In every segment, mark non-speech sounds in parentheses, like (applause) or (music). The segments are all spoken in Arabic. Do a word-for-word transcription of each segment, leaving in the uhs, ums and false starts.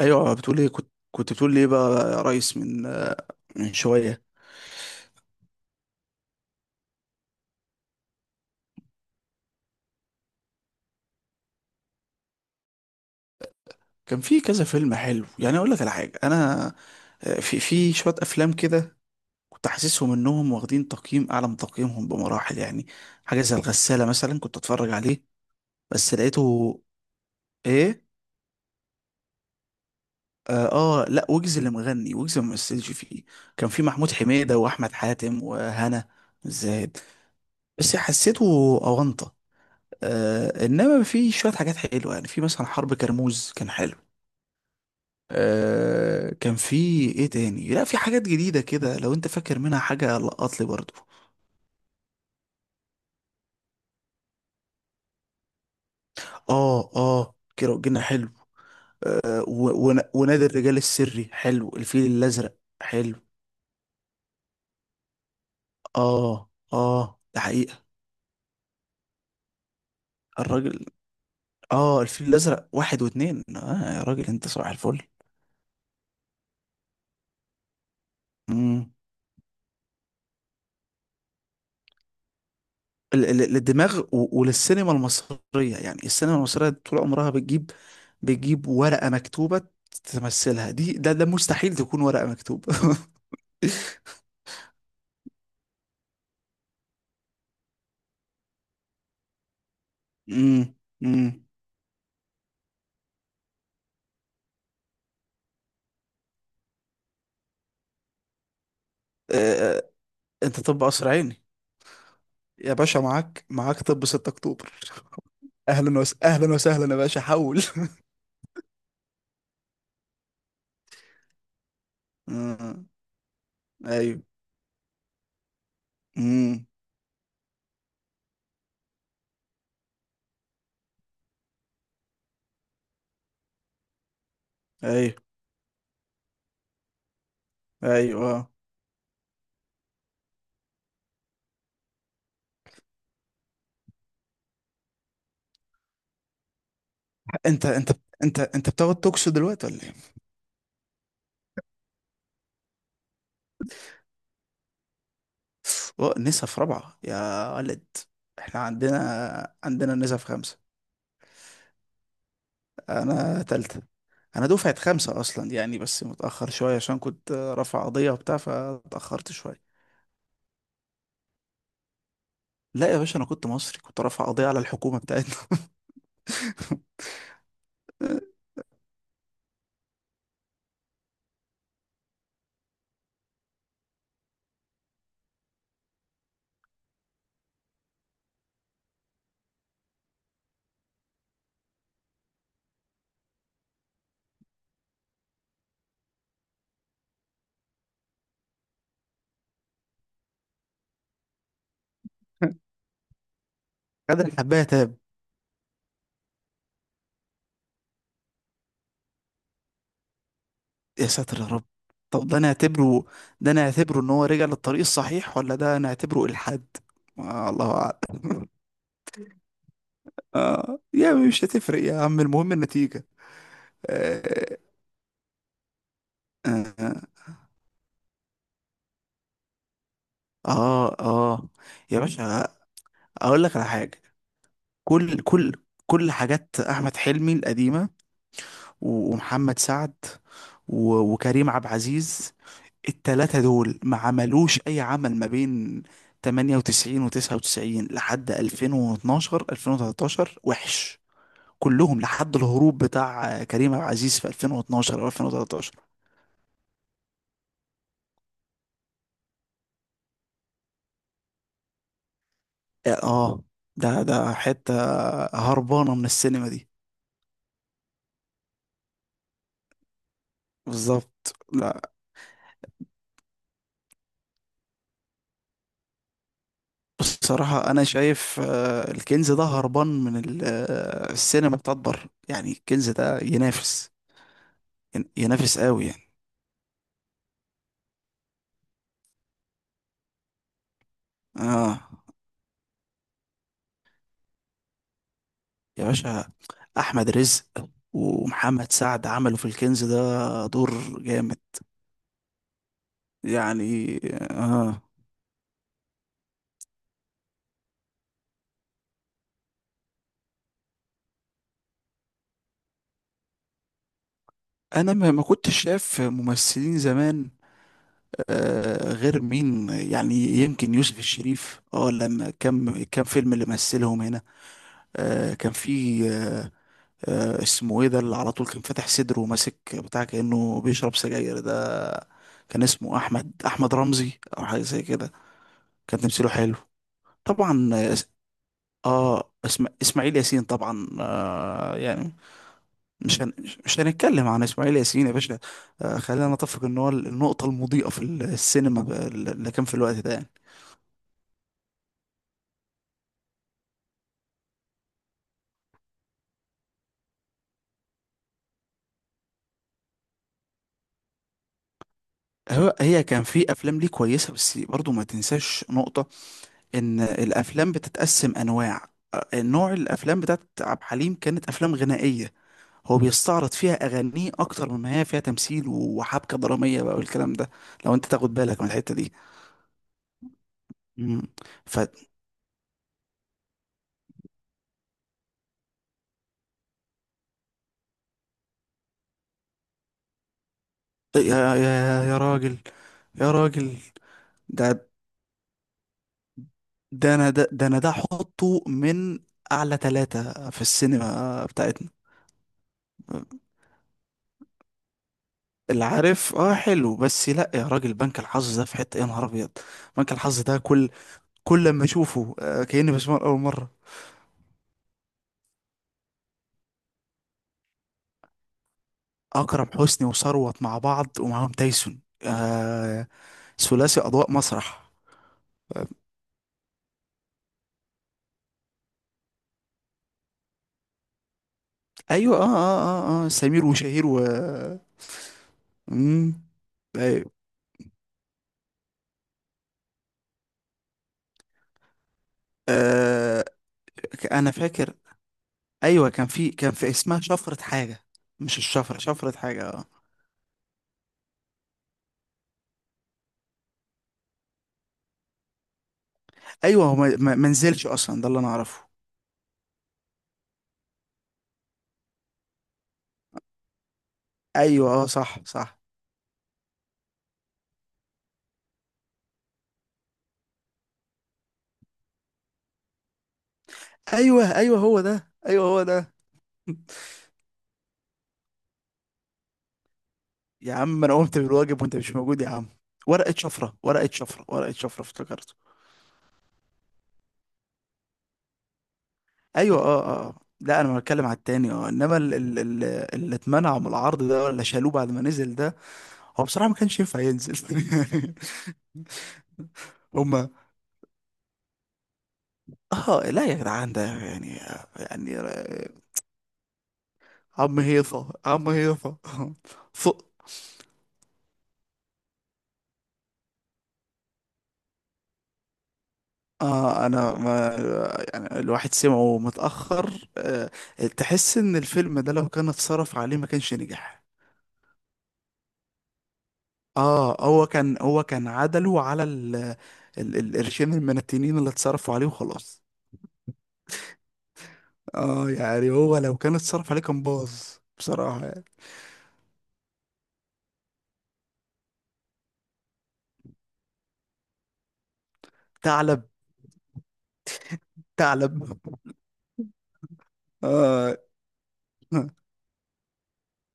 ايوه، بتقول ايه؟ كنت كنت بتقول لي ايه بقى يا ريس من آه، من شويه. كان في كذا فيلم حلو يعني، اقول لك على حاجه. انا آه، في في شويه افلام كده، كنت حاسسهم انهم واخدين تقييم اعلى من تقييمهم بمراحل يعني. حاجه زي الغساله مثلا كنت اتفرج عليه، بس لقيته. ايه؟ اه، آه، لا، ويجز اللي مغني ويجز ما مثلش فيه. كان في محمود حميده واحمد حاتم وهنا زاهد. بس حسيته اونطه. آه انما في شويه حاجات حلوه يعني، في مثلا حرب كرموز كان حلو. آه كان في ايه تاني؟ لا، في حاجات جديدة كده، لو انت فاكر منها حاجة لقط لي برضو. اه، اه، كيرة والجن حلو. آه و- ون- ونادي الرجال السري حلو. الفيل الازرق حلو. اه، اه، ده حقيقة. الراجل. اه، الفيل الازرق واحد واتنين. اه يا راجل، انت صباح الفل. امم ال- ال- للدماغ و- وللسينما المصرية، يعني السينما المصرية طول عمرها بتجيب بتجيب ورقة مكتوبة تمثلها دي. ده ده مستحيل تكون ورقة مكتوبة. (laughs) امم. امم. آه، انت طب قصر عيني؟ يا باشا، معاك معاك طب ستة اكتوبر. اهلا وس... اهلا وسهلا يا باشا، حول. امم. ايوه. امم. ايوه، ايوه، آه. انت انت انت انت بتاخد توكسو دلوقتي ولا ايه؟ أوه، نسا في رابعه يا ولد؟ احنا عندنا عندنا نسا في خمسه. انا تالته. انا دفعه خمسه اصلا يعني، بس متاخر شويه عشان كنت رافع قضيه وبتاع، فاتاخرت شويه. لا يا باشا، انا كنت مصري، كنت رافع قضيه على الحكومه بتاعتنا. (laughs) خد الحبايه تاب. يا ساتر يا رب. طب ده نعتبره ده نعتبره ان هو رجع للطريق الصحيح ولا ده نعتبره الحاد؟ آه، الله اعلم. آه يا عم، مش هتفرق يا عم، المهم النتيجه. آه. آه. آه. آه. يا باشا، اقول لك على حاجه. كل كل كل حاجات احمد حلمي القديمه، و- ومحمد سعد، و- وكريم عبد العزيز. التلاتة دول ما عملوش أي عمل ما بين تمانية وتسعين و99، لحد ألفين واتناشر ألفين وتلتاشر، وحش كلهم، لحد الهروب بتاع كريم عبد العزيز في ألفين واثني عشر أو ألفين وتلتاشر. آه. آه. ده ده حتة هربانة من السينما دي بالظبط. لا. بصراحة أنا شايف آه، الكنز ده هربان من ال- آه، السينما بتاعت بره، يعني الكنز ده ينافس، ين- ينافس قوي يعني. آه يا باشا، احمد رزق ومحمد سعد عملوا في الكنز ده دور جامد، يعني. اه. انا ما ما كنتش شايف ممثلين زمان، آه غير مين يعني؟ يمكن يوسف الشريف، اه، لما كم كم فيلم اللي مثلهم هنا. آه كان في، آه اسمه ايه ده اللي على طول كان فاتح صدره وماسك بتاع كأنه بيشرب سجاير ده. كان اسمه احمد احمد رمزي، او حاجه زي كده. كان تمثيله حلو طبعا. آه، اه، اسم... اسماعيل ياسين طبعا آه يعني. مش هن... مش هنتكلم عن اسماعيل ياسين يا باشا. آه خلينا نتفق ان هو النقطة المضيئة في السينما، ب- اللي كان في الوقت ده يعني. هو هي كان في افلام ليه كويسة، بس برضو ما تنساش نقطة ان الافلام بتتقسم انواع. آه، نوع الافلام بتاعت عبد الحليم كانت افلام غنائية. هو بيستعرض فيها اغانيه اكتر مما هي فيها تمثيل وحبكة درامية بقى والكلام ده، لو انت تاخد بالك من الحتة دي. مم. ف... طيب، يا يا يا راجل يا راجل، ده ده انا ده, ده انا ده احطه من اعلى ثلاثة في السينما بتاعتنا. اللي عارف، اه، حلو. بس لا يا راجل، بنك الحظ ده في حتة يا نهار ابيض. بنك الحظ ده كل كل لما اشوفه، آه، كأني بسمعه لأول مرة. اكرم حسني وثروت مع بعض ومعاهم تايسون، آه ثلاثي اضواء مسرح. ايوه، اه، اه، اه، آه. سمير وشهير و مم. ايوه، آه، انا فاكر. ايوه، كان في كان في اسمها شفرة حاجة. مش الشفرة، شفرة حاجة، اه. ايوه، هو ما ما- ما نزلش اصلا، ده اللي انا اعرفه. ايوه، اه، صح، صح. ايوه، ايوه، هو ده. ايوه، هو ده. يا عم، انا قمت بالواجب وانت مش موجود يا عم. ورقة شفرة، ورقة شفرة، ورقة شفرة، افتكرته. ايوه، اه، اه، آه. لا، انا بتكلم على التاني، اه، انما ال- ال- ال- اللي اتمنع من العرض ده، ولا شالوه بعد ما نزل ده؟ هو بصراحة ما كانش ينفع ينزل. (laughs) هما، اه، لا يا جدعان، ده يعني يعني عم هيصة، عم هيصة. (laughs) ص... آه أنا ما يعني الواحد سمعه متأخر آه تحس إن الفيلم ده لو كان اتصرف عليه ما كانش نجح. آه هو كان هو كان عدله على ال... ال... القرشين المنتنين اللي اتصرفوا عليه وخلاص. آه يعني هو لو كان اتصرف عليه كان باظ، بصراحة يعني. ثعلب. ثعلب. (laughs) آه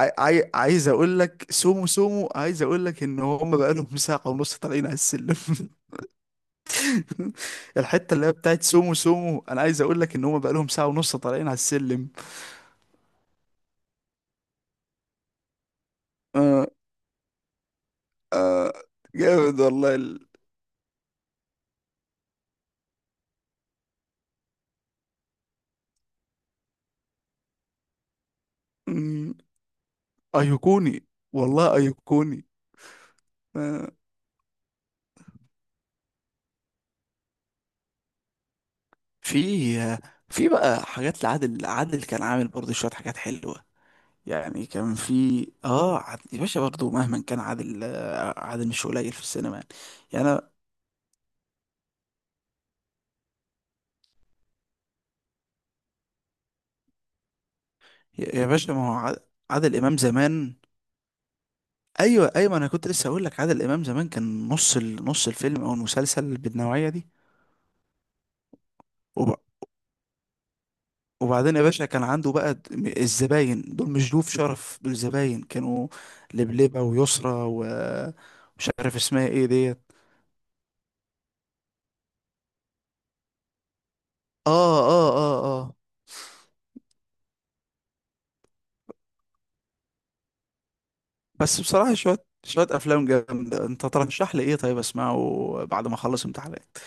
عاي... عاي- عايز اقول لك سومو سومو، عايز اقول لك ان هم بقالهم ساعة ونص طالعين على السلم. (laughs) (laughs) الحته اللي هي بتاعت سومو سومو، انا عايز اقول لك ان هم بقالهم ساعه ونص طالعين على السلم. آه. آه. جامد والله ال... مم، ايقوني، والله ايقوني. آه في في بقى حاجات لعادل. عادل كان عامل برضه شويه حاجات حلوه، يعني كان في اه عادل يا باشا، برضه مهما كان عادل، آه، عادل مش قليل في السينما يعني. يعني أنا- يا يا باشا، ما هو عادل. عادل امام زمان. ايوه، ايوه، ما انا كنت لسه اقول لك عادل امام زمان كان نص ال... نص الفيلم او المسلسل بالنوعيه دي. وب... وبعدين يا باشا، كان عنده بقى د- م- الزباين دول، مش ضيوف شرف، دول زباين كانوا. لبلبه ويسرى، و... مش عارف اسمها ايه ديت. اه، اه، اه، اه. بس بصراحه، شويه شويه افلام جامده، انت ترشح لي ايه طيب اسمعه بعد ما اخلص امتحانات؟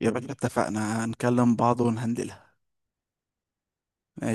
يا باشا، اتفقنا، هنكلم بعض ونهندلها. ماشي.